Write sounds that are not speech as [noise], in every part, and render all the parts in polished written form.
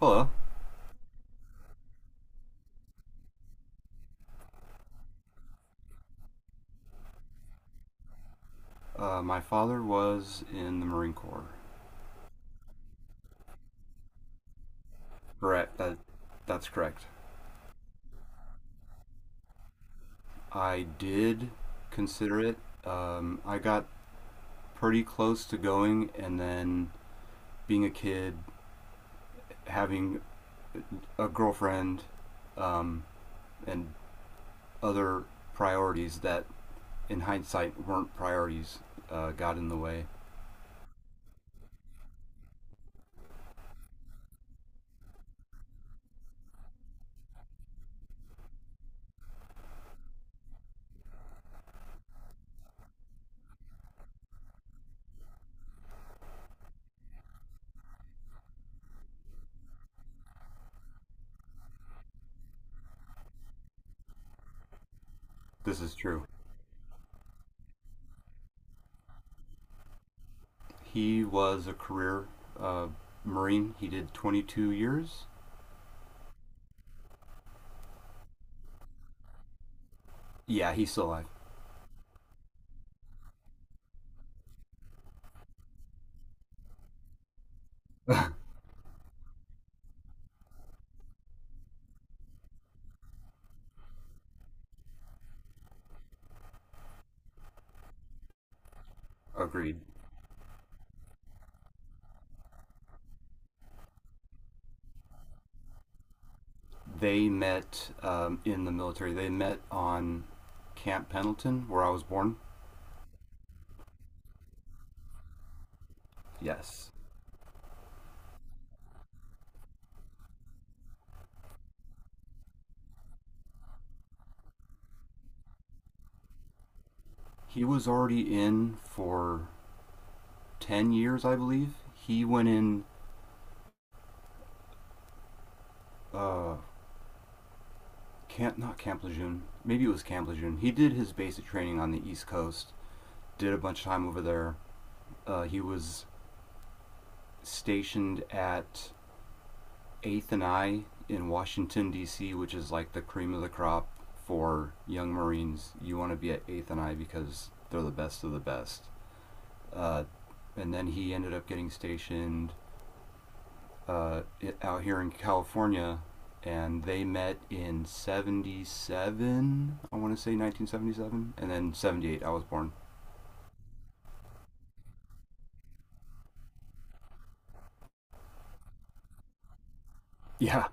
Hello. My father was in the Marine Corps. Correct. That's correct. I did consider it. I got pretty close to going, and then being a kid, having a girlfriend, um, and other priorities that, in hindsight, weren't priorities, got in the way. This is true. He was a career uh, Marine. He did 22 years. Yeah, he's still alive. Agreed. They met in the military. They met on Camp Pendleton, where I was born. Yes. He was already in for 10 years, I believe. He went in, uh, not Camp Lejeune, maybe it was Camp Lejeune. He did his basic training on the East Coast, did a bunch of time over there. He was stationed at Eighth and I in Washington D.C., which is like the cream of the crop for young Marines. You want to be at Eighth and I because they're the best of the best. Uh, and then he ended up getting stationed uh, out here in California, and they met in '77. I want to say 1977, and then '78 I was born. Yeah.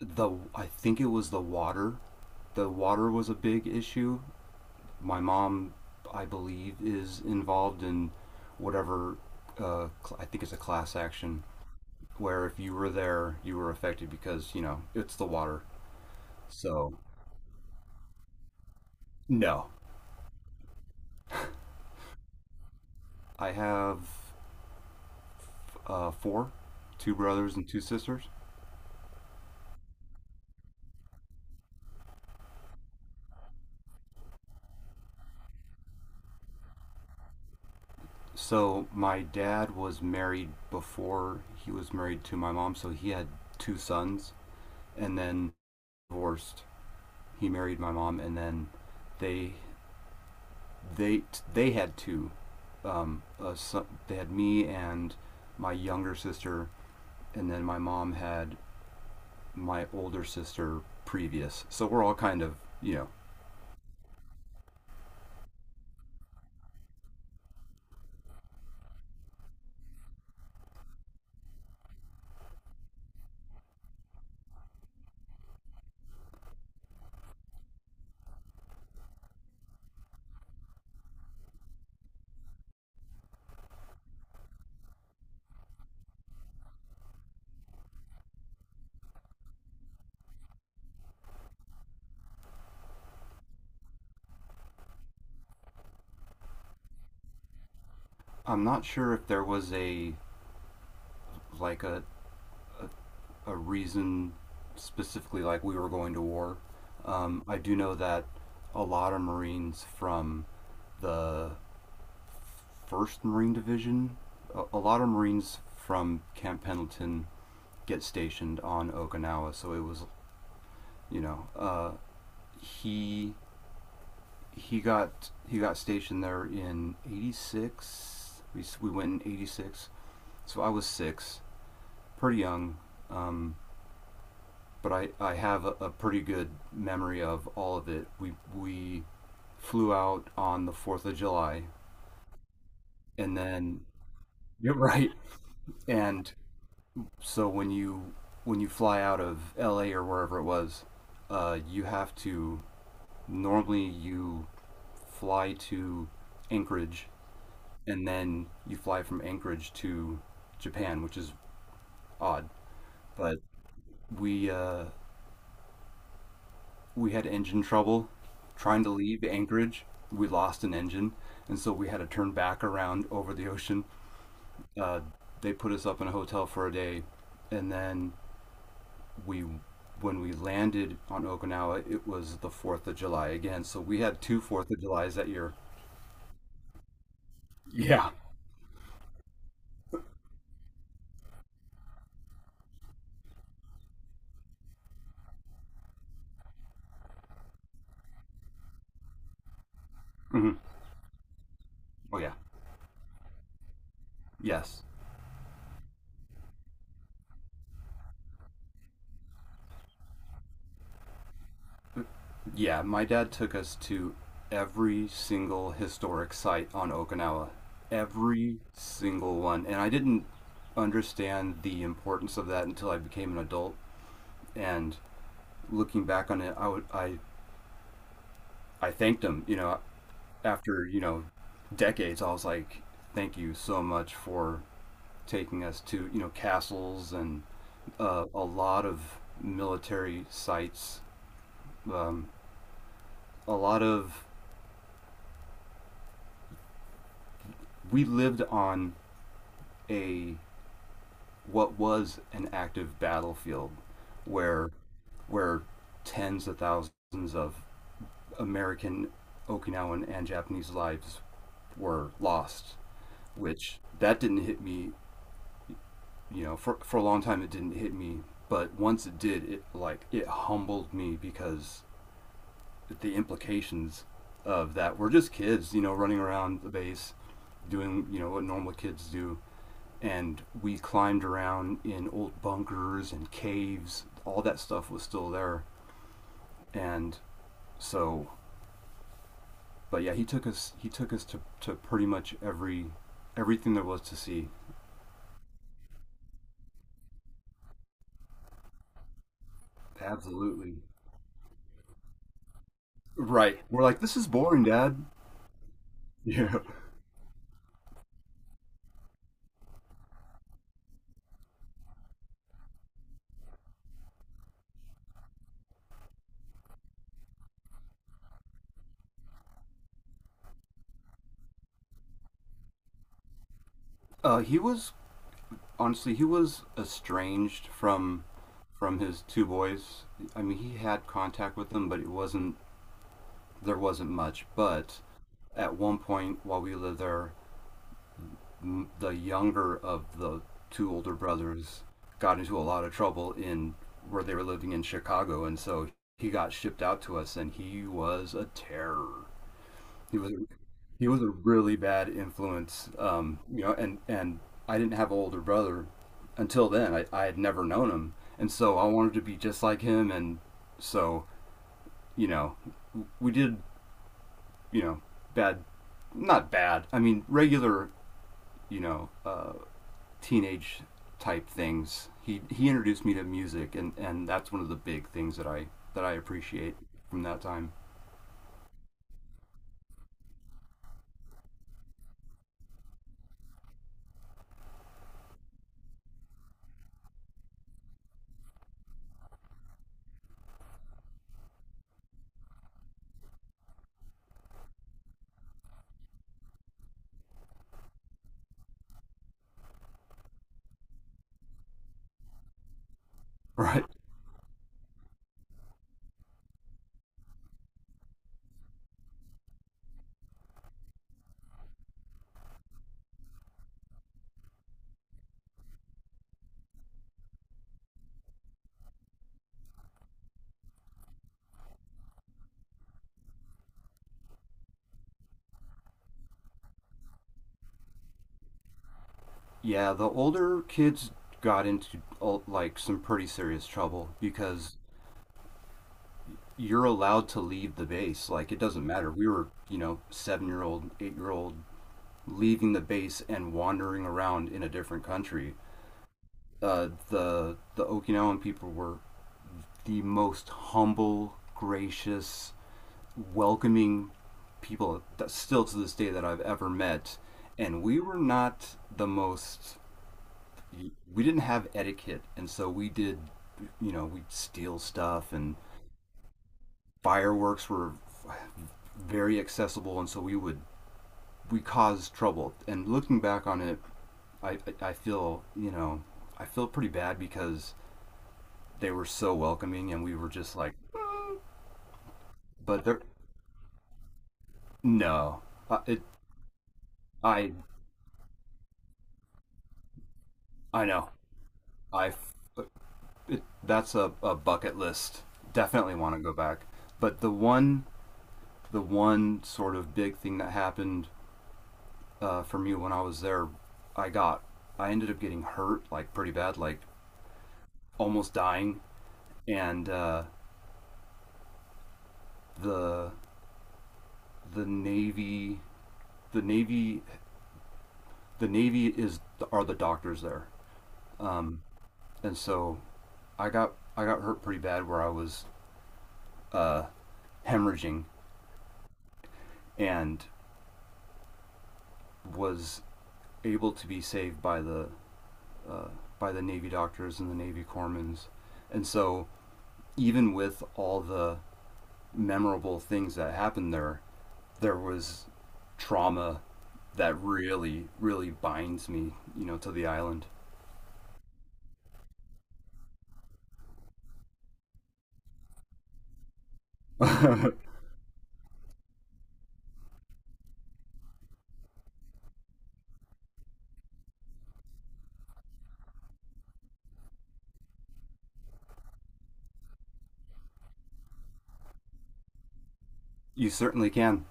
The I think it was the water. The water was a big issue. My mom, I believe, is involved in whatever, uh, I think it's a class action where if you were there, you were affected because you know it's the water. So no, I have four, two brothers and two sisters. So my dad was married before he was married to my mom, so he had two sons and then divorced. He married my mom, and then they they they had they had me and my younger sister, and then my mom had my older sister previous. So we're all kind of, you know, I'm not sure if there was a like a reason specifically like we were going to war. I do know that a lot of Marines from the First Marine Division, a lot of Marines from Camp Pendleton get stationed on Okinawa. So it was, you know, he he got stationed there in '86. We went in '86, so I was six, pretty young, um, but I have a pretty good memory of all of it. We flew out on the Fourth of July, and then [laughs] you're right. And so when you fly out of L.A. or wherever it was, you have to normally you fly to Anchorage, and then you fly from Anchorage to Japan, which is odd. But we uh, we had engine trouble trying to leave Anchorage. We lost an engine, and so we had to turn back around over the ocean. Uh, they put us up in a hotel for a day, and then we when we landed on Okinawa, it was the Fourth of July again. So we had two Fourth of Julys that year. Yeah. Mhm. Oh yeah. Yes. Yeah, my dad took us to every single historic site on Okinawa. Every single one. And I didn't understand the importance of that until I became an adult. And looking back on it, I would I thanked him, you know, after, you know, decades. I was like, thank you so much for taking us to, you know, castles and, a lot of military sites. Um, a lot of we lived on a what was an active battlefield where where tens of thousands of American, Okinawan, and Japanese lives were lost. Which that didn't hit me, you know, for a long time it didn't hit me, but once it did, it like it humbled me because the implications of that were just kids, you know, running around the base, doing you know what normal kids do, and we climbed around in old bunkers and caves. All that stuff was still there, and so, but yeah, he took us. He took us to pretty much everything there was to see. Absolutely right. We're like, this is boring, Dad. [laughs] Yeah. Uh, he was he was estranged from his two boys. I mean, he had contact with them, but it wasn't there wasn't much. But at one point while we lived there, the younger of the two older brothers got into a lot of trouble in where they were living in Chicago, and so he got shipped out to us, and he was a terror. He was he was a really bad influence, you know. And I didn't have an older brother until then. I had never known him, and so I wanted to be just like him, and so you know, we did you know bad, not bad. I mean regular you know, teenage type things. He introduced me to music, and that's one of the big things that I appreciate from that time. [laughs] Right? Yeah, the older kids got into, like some pretty serious trouble because you're allowed to leave the base. Like it doesn't matter. We were you know 7-year old, 8-year old leaving the base and wandering around in a different country. The Okinawan people were the most humble, gracious, welcoming people that still to this day that I've ever met. And we were not the most, we didn't have etiquette. And so we did, you know, we'd steal stuff and fireworks were very accessible. And so we would, we caused trouble. And looking back on it, I feel, you know, I feel pretty bad because they were so welcoming and we were just like, but they're, no, uh, it, I, I know. I that's a bucket list. Definitely want to go back. But the one sort of big thing that happened, for me when I was there, I got I ended up getting hurt like pretty bad, like almost dying. And the the navy the navy the navy, is are the doctors there. Um, and so I got hurt pretty bad where I was, uh, hemorrhaging and was able to be saved by the, uh, Navy doctors and the Navy corpsmen. And so, even with all the memorable things that happened there, there was trauma that really, really binds me, you know, to the island. You certainly can.